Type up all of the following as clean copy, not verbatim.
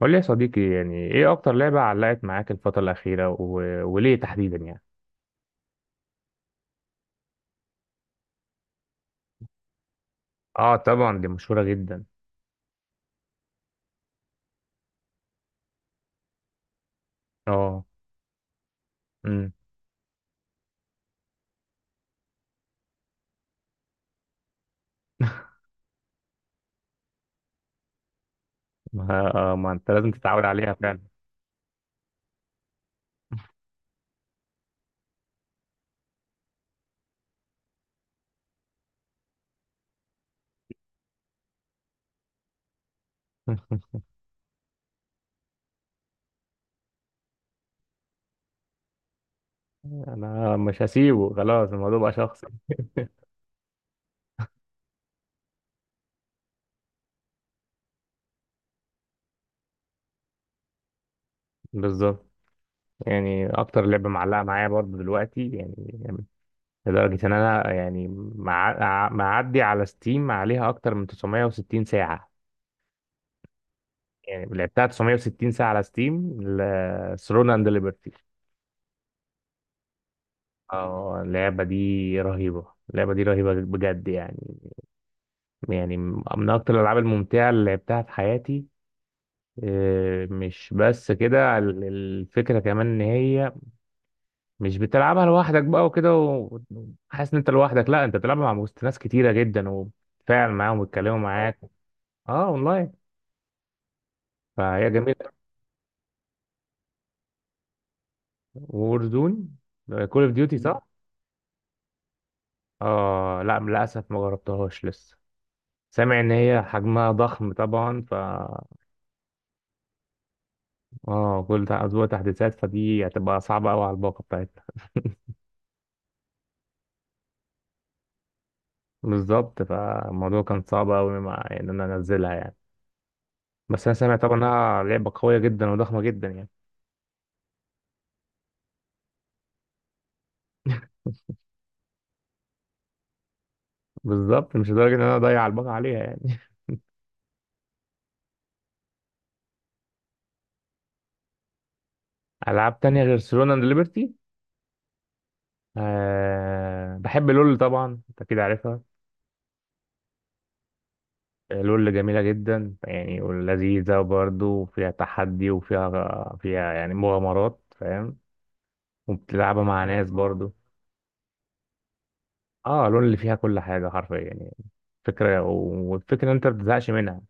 قول لي يا صديقي، يعني ايه اكتر لعبة علقت معاك الفترة الأخيرة وليه تحديدا يعني؟ اه، طبعا دي مشهورة جدا. اه. امم. ما انت لازم تتعود عليها فعلا. انا مش هسيبه، خلاص الموضوع بقى شخصي. بالظبط، يعني اكتر لعبة معلقة معايا برضه دلوقتي يعني، لدرجة ان انا يعني معدي على ستيم عليها اكتر من 960 ساعة. يعني لعبتها 960 ساعة على ستيم ثرون اند ليبرتي. اه، اللعبة دي رهيبة. اللعبة دي رهيبة بجد يعني، يعني من أكتر الألعاب الممتعة اللي لعبتها في حياتي. مش بس كده، الفكرة كمان إن هي مش بتلعبها لوحدك بقى وكده، وحاسس إن أنت لوحدك. لا، أنت بتلعبها مع وسط ناس كتيرة جدا، وبتتفاعل معاهم ويتكلموا معاك. اه، أونلاين. فهي جميلة. وورزون، كول أوف ديوتي صح؟ اه لا، للأسف ما جربتهاش لسه. سامع إن هي حجمها ضخم طبعا. اه، كل اسبوع تحديثات، فدي هتبقى صعبه قوي على الباقه بتاعتنا. بالظبط، فالموضوع كان صعب قوي ان انا انزلها يعني. بس انا سامع طبعا انها لعبه قويه جدا وضخمه جدا يعني. بالظبط، مش لدرجه ان انا اضيع الباقه عليها يعني. العاب تانية غير سولونا اند ليبرتي؟ أه، بحب لول طبعا، انت كده عارفها. لول جميله جدا يعني، ولذيذه برضه، وفيها تحدي، وفيها يعني مغامرات، فاهم؟ وبتلعبها مع ناس برضه. اه، لول اللي فيها كل حاجه حرفيا يعني، فكرة. والفكرة إن أنت ما بتزهقش منها.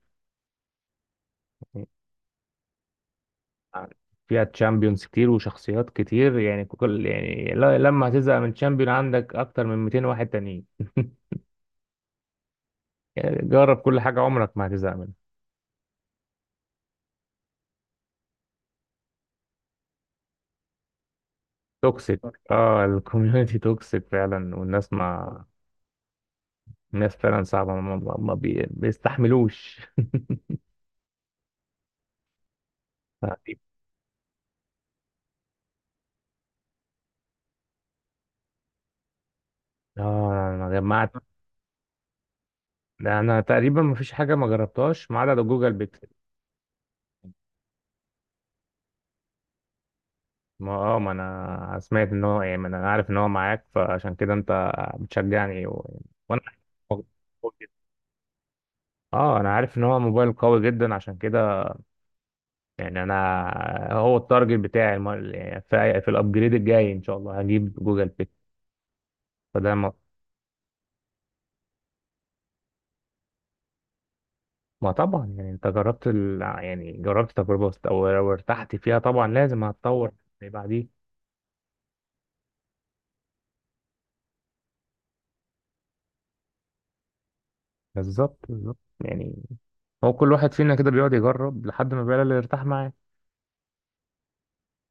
فيها تشامبيونز كتير وشخصيات كتير، يعني يعني لما هتزهق من تشامبيون، عندك أكتر من 200 واحد تانيين. يعني جرب كل حاجة، عمرك ما هتزهق منها. توكسيك. اه، الكوميونتي توكسيك فعلا، والناس ما. الناس فعلا صعبة، ما, ما ما بي... بيستحملوش. ف- اه، أنا جمعت. أنا تقريبا ما فيش حاجة ما جربتهاش ما عدا جوجل بيكسل. ما انا سمعت ان هو يعني، ما انا عارف ان هو معاك، فعشان كده انت بتشجعني وانا. اه، انا عارف ان هو موبايل قوي جدا، عشان كده يعني انا، هو التارجت بتاعي يعني في الابجريد الجاي ان شاء الله هجيب جوجل بيك. فده ما, ما طبعا يعني، انت جربت يعني جربت تجربة او لو ارتحت فيها، طبعا لازم هتطور اللي بعديه. بالظبط بالظبط يعني، هو كل واحد فينا كده بيقعد يجرب لحد ما بيلاقي اللي يرتاح معاه.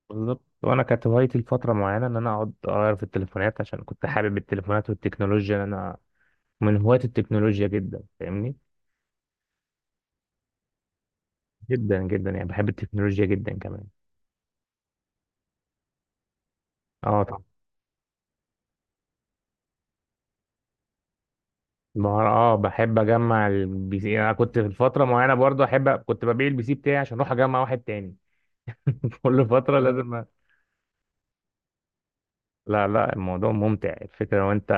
بالظبط، وانا كانت هوايتي لفتره معينه ان انا اقعد اغير في التليفونات، عشان كنت حابب التليفونات والتكنولوجيا، إن انا من هواة التكنولوجيا جدا فاهمني، جدا جدا يعني، بحب التكنولوجيا جدا كمان. اه طبعا. اه، بحب اجمع البي سي. انا كنت في فتره معينه برضو احب، كنت ببيع البي سي بتاعي عشان اروح اجمع واحد تاني. كل فتره لازم لا لا، الموضوع ممتع الفكره. وانت،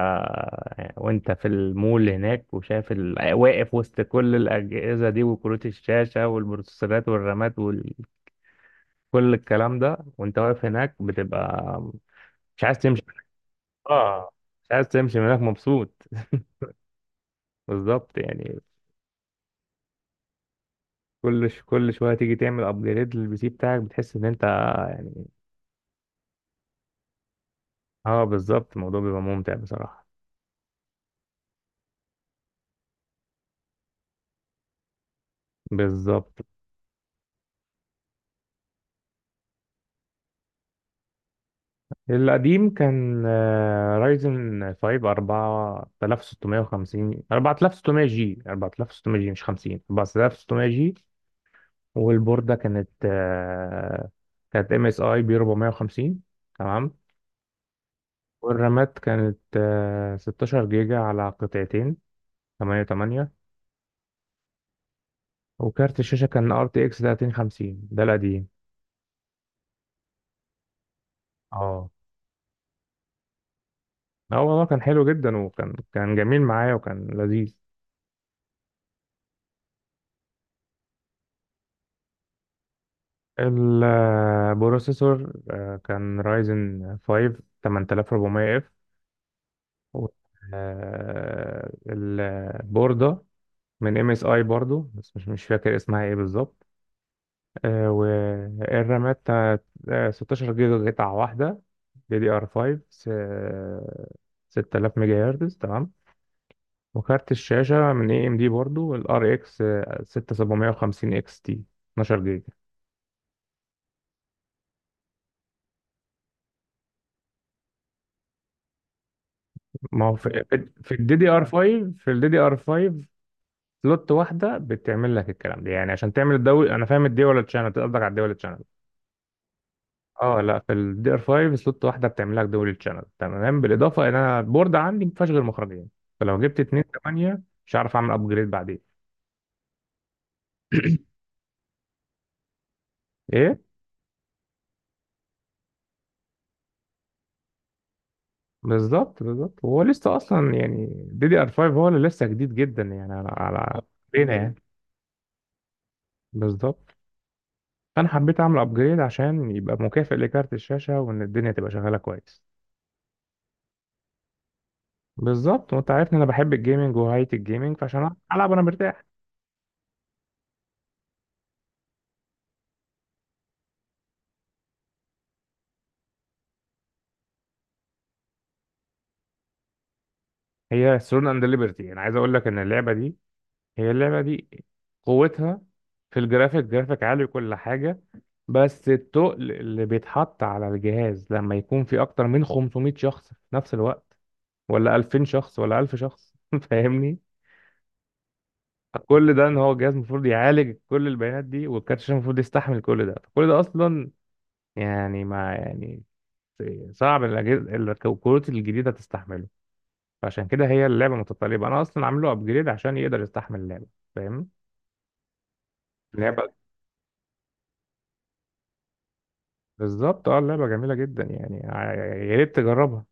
وانت في المول هناك وشايف واقف وسط كل الاجهزه دي، وكروت الشاشه والبروسيسورات والرامات، كل الكلام ده، وانت واقف هناك بتبقى مش عايز تمشي. اه، مش عايز تمشي من هناك، مبسوط. بالظبط يعني. كل شويه تيجي تعمل ابجريد للبي سي بتاعك، بتحس ان انت يعني. اه، بالظبط، الموضوع بيبقى ممتع بصراحه. بالظبط. القديم كان رايزن 5 4650، 4600 جي، 4600 جي مش 50، 4600 جي. والبورده كانت كانت ام اس اي بي 450، تمام. والرامات كانت 16 جيجا على قطعتين، 8 8. وكارت الشاشة كان ار تي اكس 3050، ده القديم. اه اه، والله كان حلو جدا، وكان جميل معايا وكان لذيذ. البروسيسور كان رايزن 5 8400 اف. والبوردة من ام اس اي برضو، بس مش فاكر اسمها ايه بالظبط. والرامات بتاعت، 16 جيجا قطعة واحدة، دي دي ار 5، 6000 ميجا هرتز، تمام. وكارت الشاشة من اي ام دي برضو، الار اكس 6750 اكس تي، 12 جيجا. ما هو في، في الدي دي ار 5، في الدي دي ار 5 سلوت واحدة بتعمل لك الكلام ده. يعني عشان تعمل الدول، انا فاهم الدول تشانل قصدك، على الدول. اه لا، في الدي ار 5 سلوت واحده بتعمل لك دول تشانل، تمام. بالاضافه ان انا البورد عندي ما فيهاش غير مخرجين، فلو جبت 2 8 مش هعرف اعمل ابجريد بعدين. ايه؟ بالظبط بالظبط، هو لسه اصلا يعني، دي دي ار 5 هو اللي لسه جديد جدا يعني على بينا يعني. بالظبط. فانا حبيت اعمل ابجريد عشان يبقى مكافئ لكارت الشاشه، وان الدنيا تبقى شغاله كويس. بالظبط، وانت عارف ان انا بحب الجيمنج وهاية الجيمنج، فعشان العب انا مرتاح. هي ثرون اند ليبرتي، انا عايز اقول لك ان اللعبه دي، هي اللعبة دي، قوتها في الجرافيك، جرافيك عالي وكل حاجة. بس التقل اللي بيتحط على الجهاز لما يكون في أكتر من 500 شخص في نفس الوقت، ولا 2000 شخص، ولا 1000 شخص، فاهمني؟ كل ده ان هو جهاز المفروض يعالج كل البيانات دي، والكارت الشاشة المفروض يستحمل كل ده، فكل ده أصلا يعني ما يعني صعب الأجهزة الكروت الجديدة تستحمله. فعشان كده هي اللعبة متطلبة، أنا أصلا عامله أبجريد عشان يقدر يستحمل اللعبة. فاهم؟ لعبه، بالظبط. اه، اللعبة جميلة جدا يعني، يا ريت تجربها.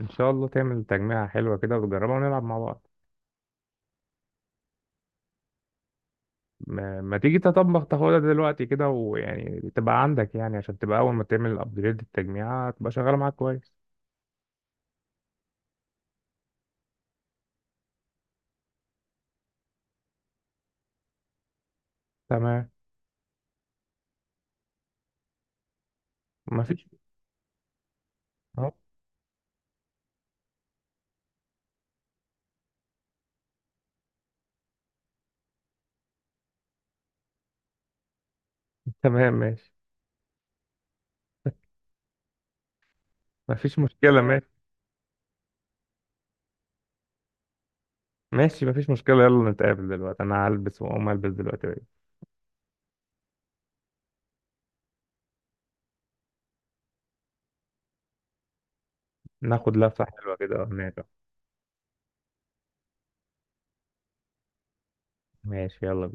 ان شاء الله تعمل تجميعة حلوة كده وتجربها، ونلعب مع بعض. ما تيجي تطبخ تاخدها دلوقتي كده، ويعني تبقى عندك، يعني عشان تبقى اول ما تعمل الابجريد، التجميعة تبقى شغالة معاك كويس. تمام. ما فيش. اهو. تمام ماشي. ما فيش مشكلة، ماشي. ماشي، ما فيش مشكلة، يلا نتقابل دلوقتي، انا هلبس واقوم البس دلوقتي. ناخد لفة حلوة كده هناك. ماشي يلا.